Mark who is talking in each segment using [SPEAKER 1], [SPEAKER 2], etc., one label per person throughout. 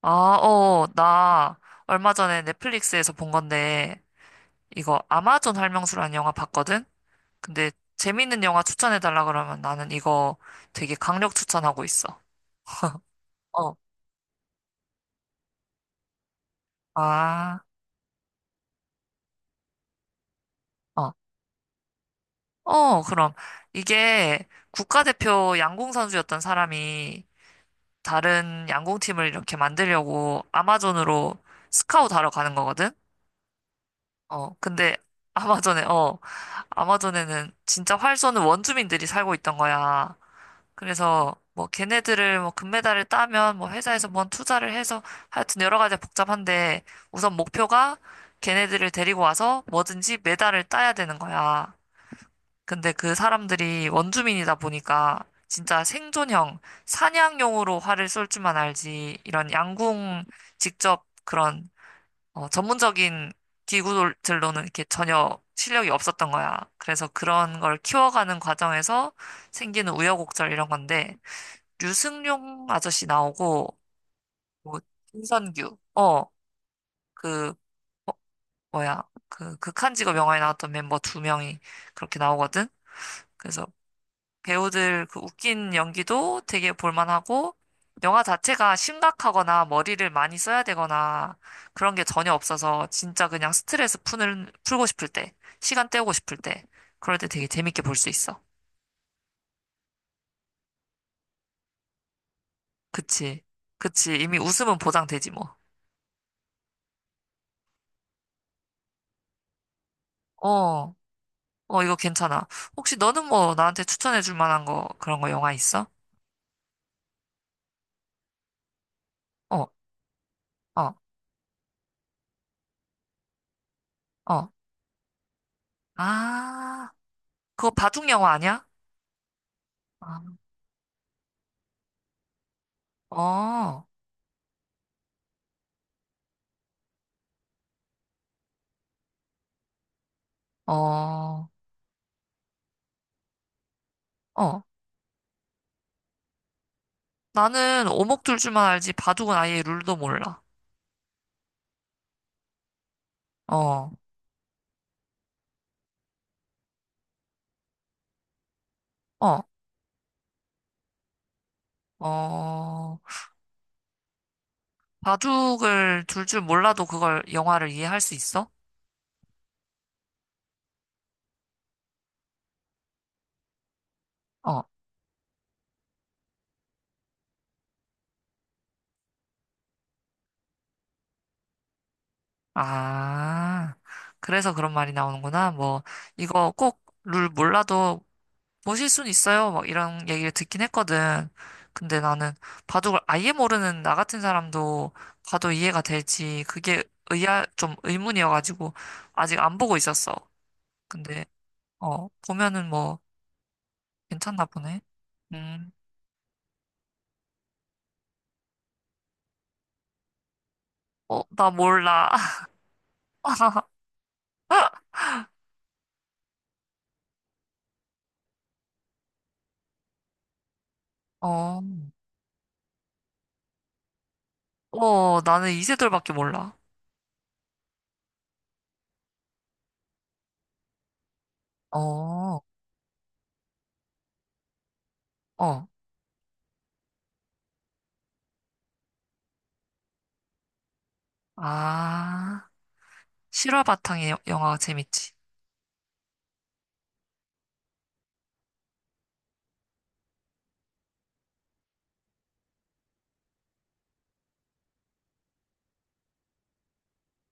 [SPEAKER 1] 아, 나 얼마 전에 넷플릭스에서 본 건데, 이거 아마존 할명수라는 영화 봤거든? 근데 재밌는 영화 추천해달라 그러면 나는 이거 되게 강력 추천하고 있어. 어, 아, 어, 어, 그럼. 이게 국가대표 양궁 선수였던 사람이 다른 양궁팀을 이렇게 만들려고 아마존으로 스카웃하러 가는 거거든? 근데 아마존에, 어, 아마존에는 진짜 활쏘는 원주민들이 살고 있던 거야. 그래서 뭐 걔네들을 뭐 금메달을 따면 뭐 회사에서 뭔 투자를 해서 하여튼 여러 가지 복잡한데 우선 목표가 걔네들을 데리고 와서 뭐든지 메달을 따야 되는 거야. 근데 그 사람들이 원주민이다 보니까 진짜 생존형 사냥용으로 활을 쏠 줄만 알지 이런 양궁 직접 그런 전문적인 기구들로는 이렇게 전혀 실력이 없었던 거야. 그래서 그런 걸 키워가는 과정에서 생기는 우여곡절 이런 건데 류승룡 아저씨 나오고 뭐 김선규 그 뭐야 그 극한직업 영화에 나왔던 멤버 두 명이 그렇게 나오거든. 그래서 배우들 그 웃긴 연기도 되게 볼만하고 영화 자체가 심각하거나 머리를 많이 써야 되거나 그런 게 전혀 없어서 진짜 그냥 스트레스 푸는 풀고 싶을 때 시간 때우고 싶을 때 그럴 때 되게 재밌게 볼 수 있어. 그치 그치 이미 웃음은 보장되지 뭐. 어. 어, 이거 괜찮아. 혹시 너는 뭐 나한테 추천해줄 만한 거, 그런 거 영화 있어? 어, 어, 어. 아, 그거 바둑 영화 아니야? 아, 어, 어, 어. 나는 오목둘줄만 알지 바둑은 아예 룰도 몰라. 어, 어, 어. 바둑을 둘 줄 몰라도 그걸 영화를 이해할 수 있어? 어, 아. 그래서 그런 말이 나오는구나. 뭐, 이거 꼭 룰 몰라도 모실 순 있어요. 막 이런 얘기를 듣긴 했거든. 근데 나는 바둑을 아예 모르는 나 같은 사람도 봐도 이해가 될지 그게 의아 좀 의문이어가지고 아직 안 보고 있었어. 근데 보면은 뭐 괜찮나 보네. 음, 어, 나 몰라. 어, 어, 나는 이세돌밖에 몰라. 어, 어, 아, 실화 바탕의 영화가 재밌지.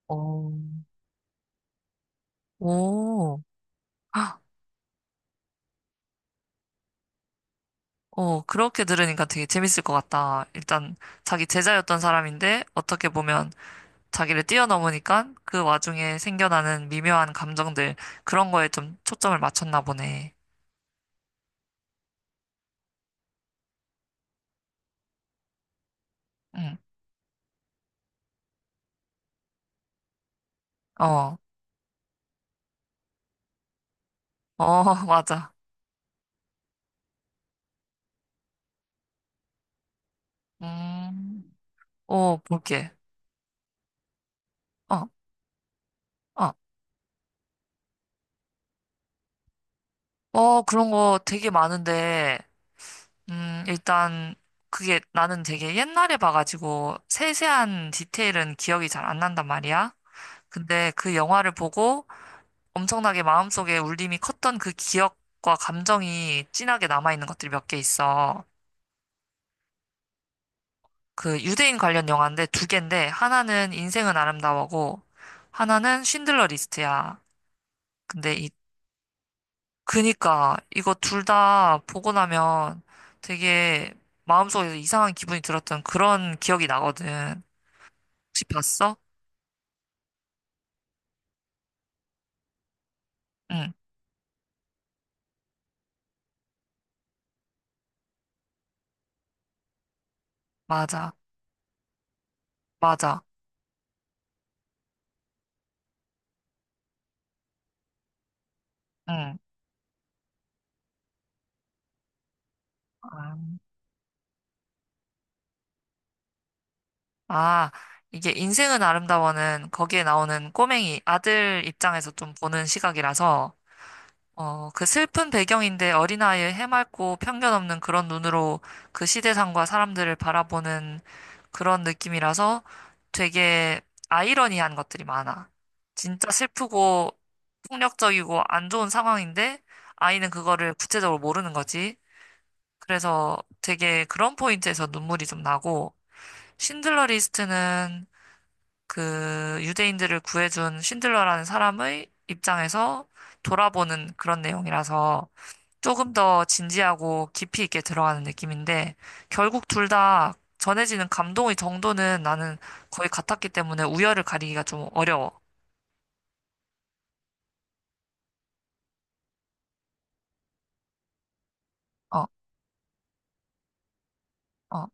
[SPEAKER 1] 어, 오. 어, 그렇게 들으니까 되게 재밌을 것 같다. 일단 자기 제자였던 사람인데 어떻게 보면 자기를 뛰어넘으니까 그 와중에 생겨나는 미묘한 감정들 그런 거에 좀 초점을 맞췄나 보네. 응. 어. 어, 맞아. 음. 어, 볼게. 어, 어. 어, 그런 거 되게 많은데 일단 그게 나는 되게 옛날에 봐가지고 세세한 디테일은 기억이 잘 안 난단 말이야. 근데 그 영화를 보고 엄청나게 마음속에 울림이 컸던 그 기억과 감정이 진하게 남아있는 것들이 몇 개 있어. 그 유대인 관련 영화인데 두 개인데 하나는 인생은 아름다워고 하나는 쉰들러 리스트야. 근데 이 그니까 이거 둘 다 보고 나면 되게 마음속에서 이상한 기분이 들었던 그런 기억이 나거든. 혹시 봤어? 응, 맞아, 맞아, 응. 아, 이게 인생은 아름다워는 거기에 나오는 꼬맹이 아들 입장에서 좀 보는 시각이라서, 어, 그 슬픈 배경인데 어린아이의 해맑고 편견 없는 그런 눈으로 그 시대상과 사람들을 바라보는 그런 느낌이라서 되게 아이러니한 것들이 많아. 진짜 슬프고 폭력적이고 안 좋은 상황인데 아이는 그거를 구체적으로 모르는 거지. 그래서 되게 그런 포인트에서 눈물이 좀 나고, 신들러 리스트는 그 유대인들을 구해준 신들러라는 사람의 입장에서 돌아보는 그런 내용이라서 조금 더 진지하고 깊이 있게 들어가는 느낌인데 결국 둘 다 전해지는 감동의 정도는 나는 거의 같았기 때문에 우열을 가리기가 좀 어려워. 어, 어,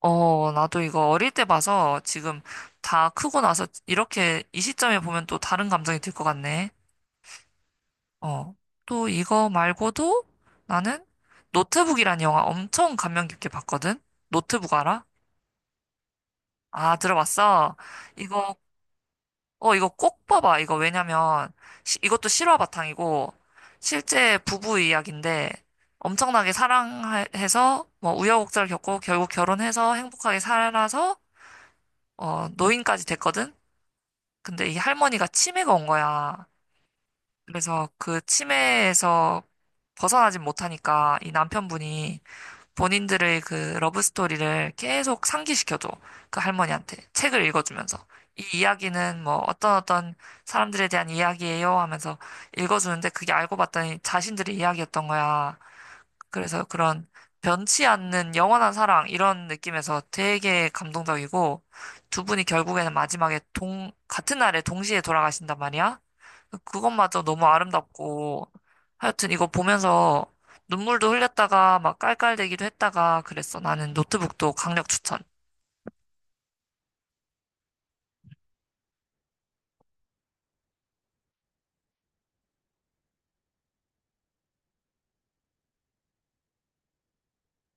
[SPEAKER 1] 어, 나도 이거 어릴 때 봐서 지금 다 크고 나서 이렇게 이 시점에 보면 또 다른 감정이 들 것 같네. 어. 또 이거 말고도 나는 노트북이란 영화 엄청 감명 깊게 봤거든? 노트북 알아? 아, 들어봤어? 이거, 이거 꼭 봐봐. 이거 왜냐면, 이것도 실화 바탕이고, 실제 부부 이야기인데, 엄청나게 사랑해서, 뭐, 우여곡절 겪고, 결국 결혼해서 행복하게 살아서, 어, 노인까지 됐거든? 근데 이 할머니가 치매가 온 거야. 그래서 그 치매에서 벗어나진 못하니까 이 남편분이 본인들의 그 러브 스토리를 계속 상기시켜줘. 그 할머니한테 책을 읽어주면서 이 이야기는 뭐 어떤 사람들에 대한 이야기예요 하면서 읽어주는데 그게 알고 봤더니 자신들의 이야기였던 거야. 그래서 그런 변치 않는 영원한 사랑 이런 느낌에서 되게 감동적이고 두 분이 결국에는 마지막에 같은 날에 동시에 돌아가신단 말이야. 그것마저 너무 아름답고 하여튼 이거 보면서 눈물도 흘렸다가 막 깔깔대기도 했다가 그랬어. 나는 노트북도 강력 추천.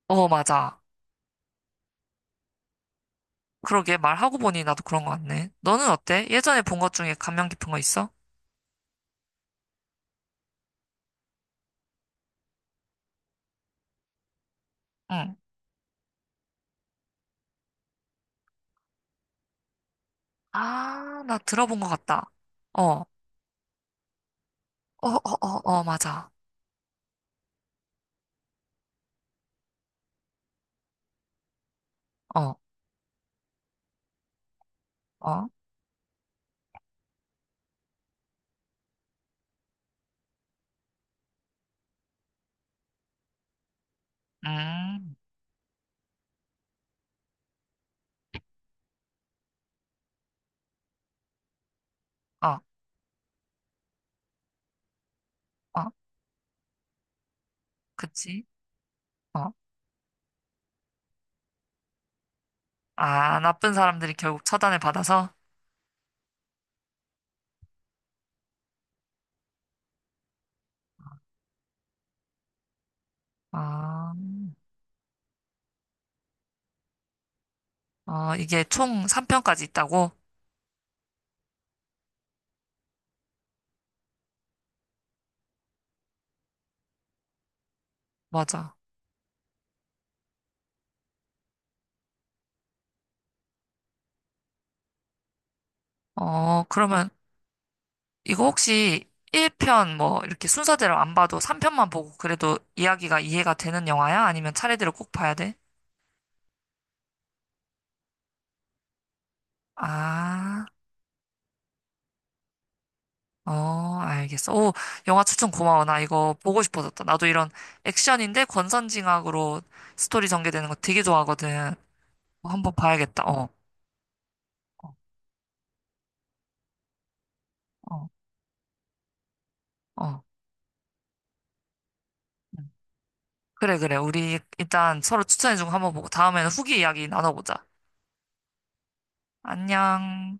[SPEAKER 1] 어, 맞아. 그러게 말하고 보니 나도 그런 것 같네. 너는 어때? 예전에 본 것 중에 감명 깊은 거 있어? 응. 아, 나 들어본 것 같다. 어, 어, 어, 어, 어, 맞아. 어, 어, 음, 어, 어, 그치, 어. 아, 나쁜 사람들이 결국 처단을 받아서, 아, 어, 이게 총 3편까지 있다고? 맞아. 어, 그러면 이거 혹시 1편 뭐 이렇게 순서대로 안 봐도 3편만 보고 그래도 이야기가 이해가 되는 영화야? 아니면 차례대로 꼭 봐야 돼? 아, 어, 알겠어. 오, 영화 추천 고마워. 나 이거 보고 싶어졌다. 나도 이런 액션인데 권선징악으로 스토리 전개되는 거 되게 좋아하거든. 어, 한번 봐야겠다. 어, 어, 어, 어. 응. 그래, 그래. 우리 일단 서로 추천해준 거 한번 보고 다음에는 후기 이야기 나눠보자. 안녕.